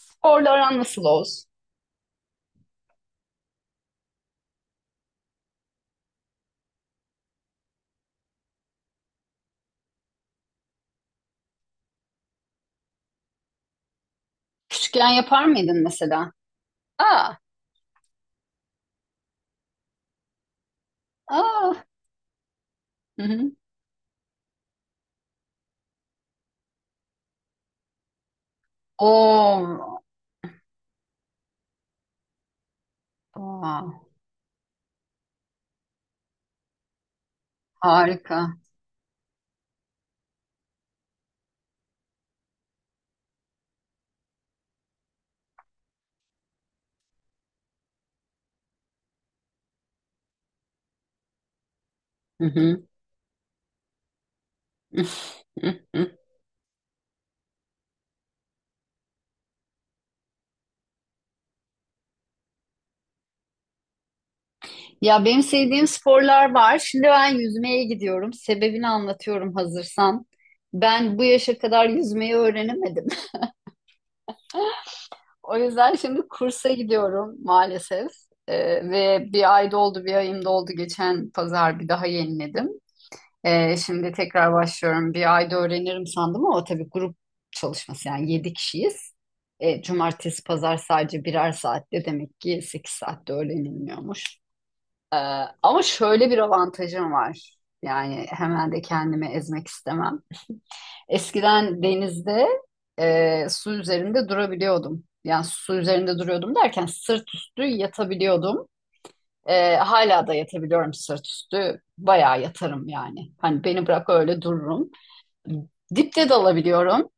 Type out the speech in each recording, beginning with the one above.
Sporla aran nasıl Oğuz? Küçükken yapar mıydın mesela? Aa, aa. Hı hı. Oo, aa, harika. Hı hı. Ya benim sevdiğim sporlar var. Şimdi ben yüzmeye gidiyorum. Sebebini anlatıyorum hazırsan. Ben bu yaşa kadar yüzmeyi öğrenemedim. O yüzden şimdi kursa gidiyorum maalesef. Ve bir ay doldu, bir ayım doldu. Geçen pazar bir daha yeniledim. Şimdi tekrar başlıyorum. Bir ayda öğrenirim sandım ama o tabii grup çalışması yani 7 kişiyiz. Cumartesi, pazar sadece birer saatte demek ki 8 saatte öğrenilmiyormuş. Ama şöyle bir avantajım var. Yani hemen de kendimi ezmek istemem. Eskiden denizde su üzerinde durabiliyordum. Yani su üzerinde duruyordum derken sırt üstü yatabiliyordum. Hala da yatabiliyorum sırt üstü. Bayağı yatarım yani. Hani beni bırak öyle dururum. Dipte dalabiliyorum.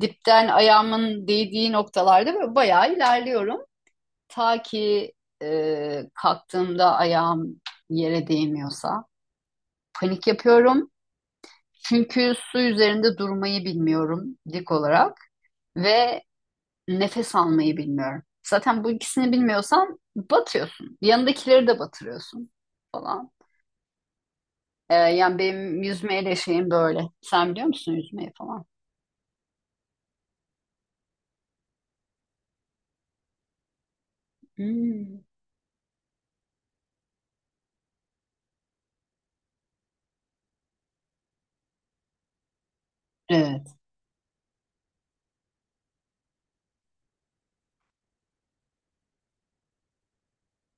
Dipten ayağımın değdiği noktalarda böyle bayağı ilerliyorum. Ta ki kalktığımda ayağım yere değmiyorsa. Panik yapıyorum. Çünkü su üzerinde durmayı bilmiyorum dik olarak ve nefes almayı bilmiyorum. Zaten bu ikisini bilmiyorsan batıyorsun. Yanındakileri de batırıyorsun falan. Yani benim yüzmeyle şeyim böyle. Sen biliyor musun yüzmeyi falan? Hmm. Evet.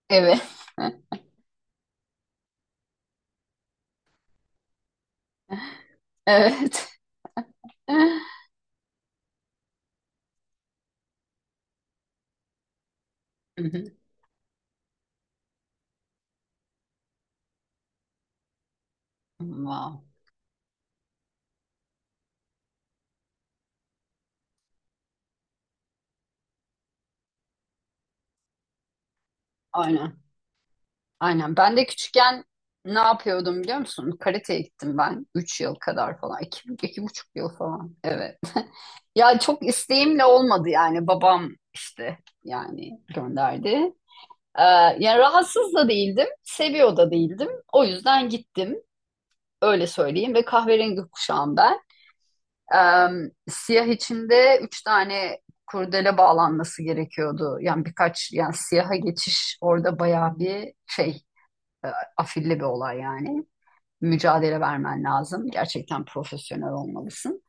Evet. Evet. Hı hı. Wow. Aynen. Aynen. Ben de küçükken ne yapıyordum biliyor musun? Karateye gittim ben. 3 yıl kadar falan. İki, 2,5 yıl falan. Evet. Ya çok isteğimle olmadı yani. Babam işte yani gönderdi. Ee, yani rahatsız da değildim. Seviyor da değildim. O yüzden gittim. Öyle söyleyeyim. Ve kahverengi kuşağım ben. Siyah içinde üç tane kurdele bağlanması gerekiyordu. Yani birkaç yani siyaha geçiş orada bayağı bir şey e, afilli bir olay yani. Mücadele vermen lazım. Gerçekten profesyonel olmalısın.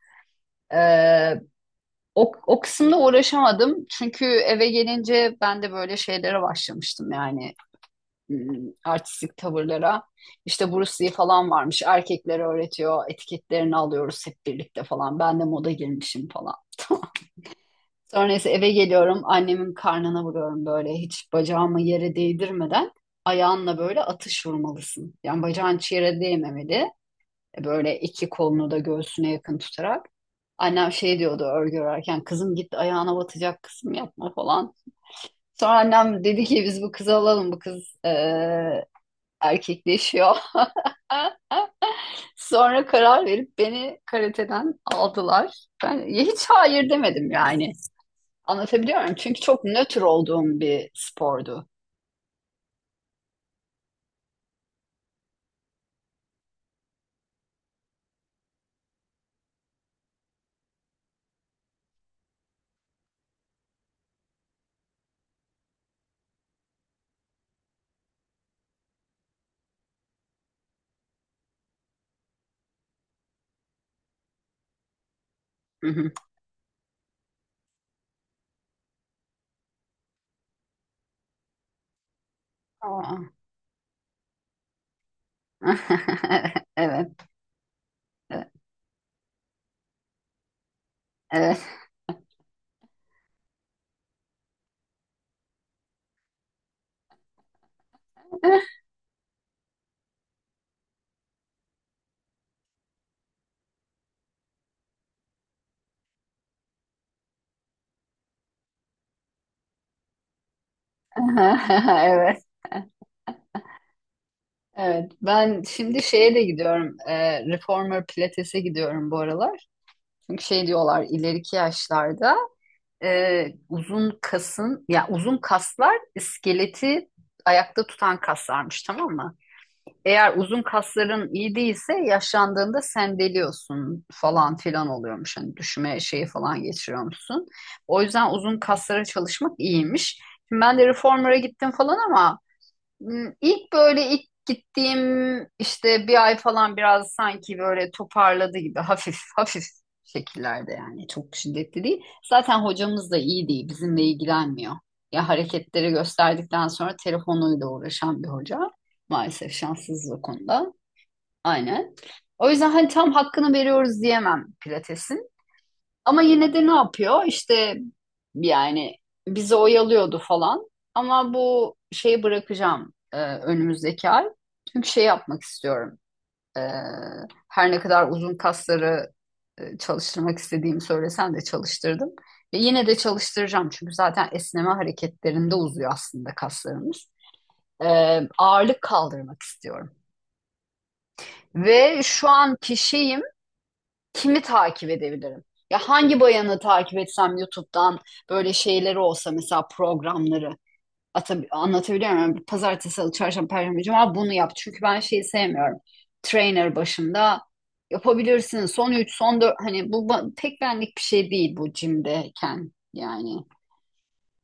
Ee, o kısımda uğraşamadım. Çünkü eve gelince ben de böyle şeylere başlamıştım yani hmm, artistik tavırlara. İşte Bruce Lee falan varmış. Erkeklere öğretiyor. Etiketlerini alıyoruz hep birlikte falan. Ben de moda girmişim falan. Sonra neyse eve geliyorum annemin karnına vuruyorum böyle hiç bacağımı yere değdirmeden ayağınla böyle atış vurmalısın. Yani bacağın hiç yere değmemeli. Böyle iki kolunu da göğsüne yakın tutarak. Annem şey diyordu örgü örerken kızım git ayağına batacak kızım yapma falan. Sonra annem dedi ki biz bu kızı alalım bu kız erkekleşiyor. Sonra karar verip beni karateden aldılar. Ben hiç hayır demedim yani. Anlatabiliyor muyum? Çünkü çok nötr olduğum bir spordu. Hı hı. Aa. Evet, evet. Evet, evet. Ben şimdi şeye de gidiyorum. Reformer Pilates'e gidiyorum bu aralar. Çünkü şey diyorlar ileriki yaşlarda uzun kasın, ya uzun kaslar iskeleti ayakta tutan kaslarmış, tamam mı? Eğer uzun kasların iyi değilse yaşlandığında sendeliyorsun falan filan oluyormuş. Hani düşme şeyi falan geçiriyormuşsun. O yüzden uzun kaslara çalışmak iyiymiş. Şimdi ben de reformer'a gittim falan ama İlk böyle ilk gittiğim işte bir ay falan biraz sanki böyle toparladı gibi hafif hafif şekillerde yani çok şiddetli değil. Zaten hocamız da iyi değil bizimle ilgilenmiyor. Ya hareketleri gösterdikten sonra telefonuyla uğraşan bir hoca. Maalesef şanssızız o konuda. Aynen. O yüzden hani tam hakkını veriyoruz diyemem Pilates'in. Ama yine de ne yapıyor? İşte yani bizi oyalıyordu falan. Ama bu şeyi bırakacağım önümüzdeki ay. Çünkü şey yapmak istiyorum. E, Her ne kadar uzun kasları çalıştırmak istediğimi söylesen de çalıştırdım. Ve yine de çalıştıracağım. Çünkü zaten esneme hareketlerinde uzuyor aslında kaslarımız. E, Ağırlık kaldırmak istiyorum. Ve şu an kişiyim. Kimi takip edebilirim? Ya hangi bayanı takip etsem YouTube'dan böyle şeyleri olsa mesela programları anlatabiliyor muyum? Pazartesi, salı, çarşamba, perşembe, cuma bunu yap. Çünkü ben şeyi sevmiyorum. Trainer başında yapabilirsin. Son 3 son 4 hani bu pek benlik bir şey değil bu jimdeyken yani.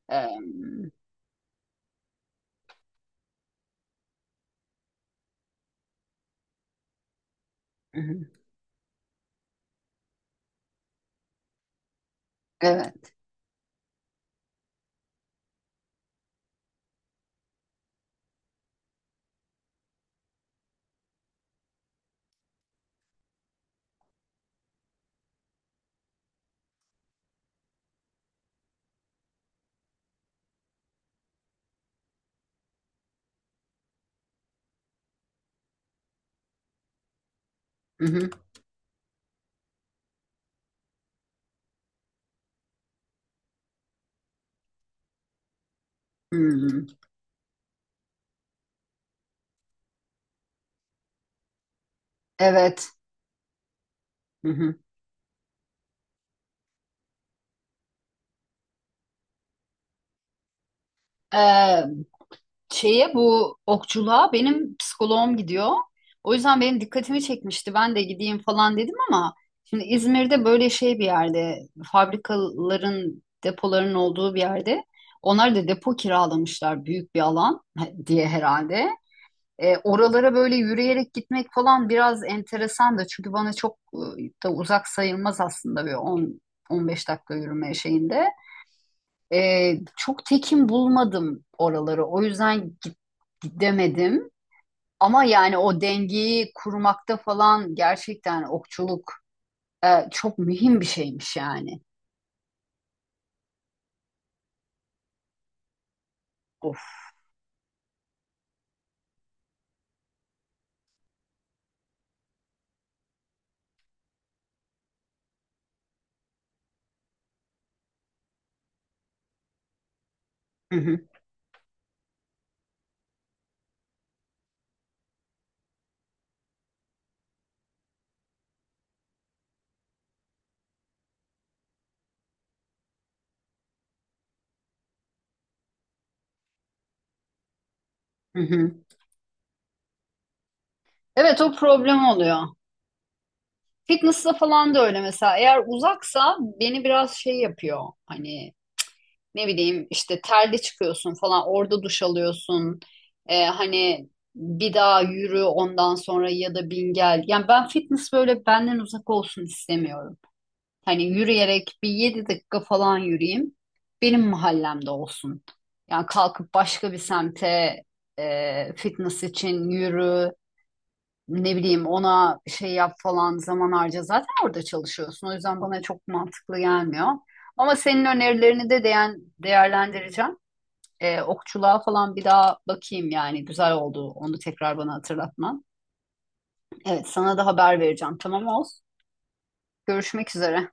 Em, hı hı. Evet. Hı hı. Hı hı. Evet. Hı hı. Şeye bu okçuluğa benim psikoloğum gidiyor. O yüzden benim dikkatimi çekmişti. Ben de gideyim falan dedim ama şimdi İzmir'de böyle şey bir yerde fabrikaların depoların olduğu bir yerde onlar da depo kiralamışlar büyük bir alan diye herhalde. Oralara böyle yürüyerek gitmek falan biraz enteresan da çünkü bana çok da uzak sayılmaz aslında bir 10 15 dakika yürüme şeyinde. Çok tekin bulmadım oraları. O yüzden gidemedim. Ama yani o dengeyi kurmakta falan gerçekten okçuluk çok mühim bir şeymiş yani. Of. Hı hı, hı hı. Evet o problem oluyor. Fitness'la falan da öyle mesela. Eğer uzaksa beni biraz şey yapıyor. Hani ne bileyim işte terli çıkıyorsun falan orada duş alıyorsun. Hani bir daha yürü ondan sonra ya da bin gel. Yani ben fitness böyle benden uzak olsun istemiyorum. Hani yürüyerek bir 7 dakika falan yürüyeyim. Benim mahallemde olsun. Yani kalkıp başka bir semte fitness için yürü. Ne bileyim ona şey yap falan zaman harca zaten orada çalışıyorsun. O yüzden bana çok mantıklı gelmiyor. Ama senin önerilerini de değerlendireceğim. Okçuluğa falan bir daha bakayım yani güzel oldu onu tekrar bana hatırlatman. Evet sana da haber vereceğim tamam olsun. Görüşmek üzere.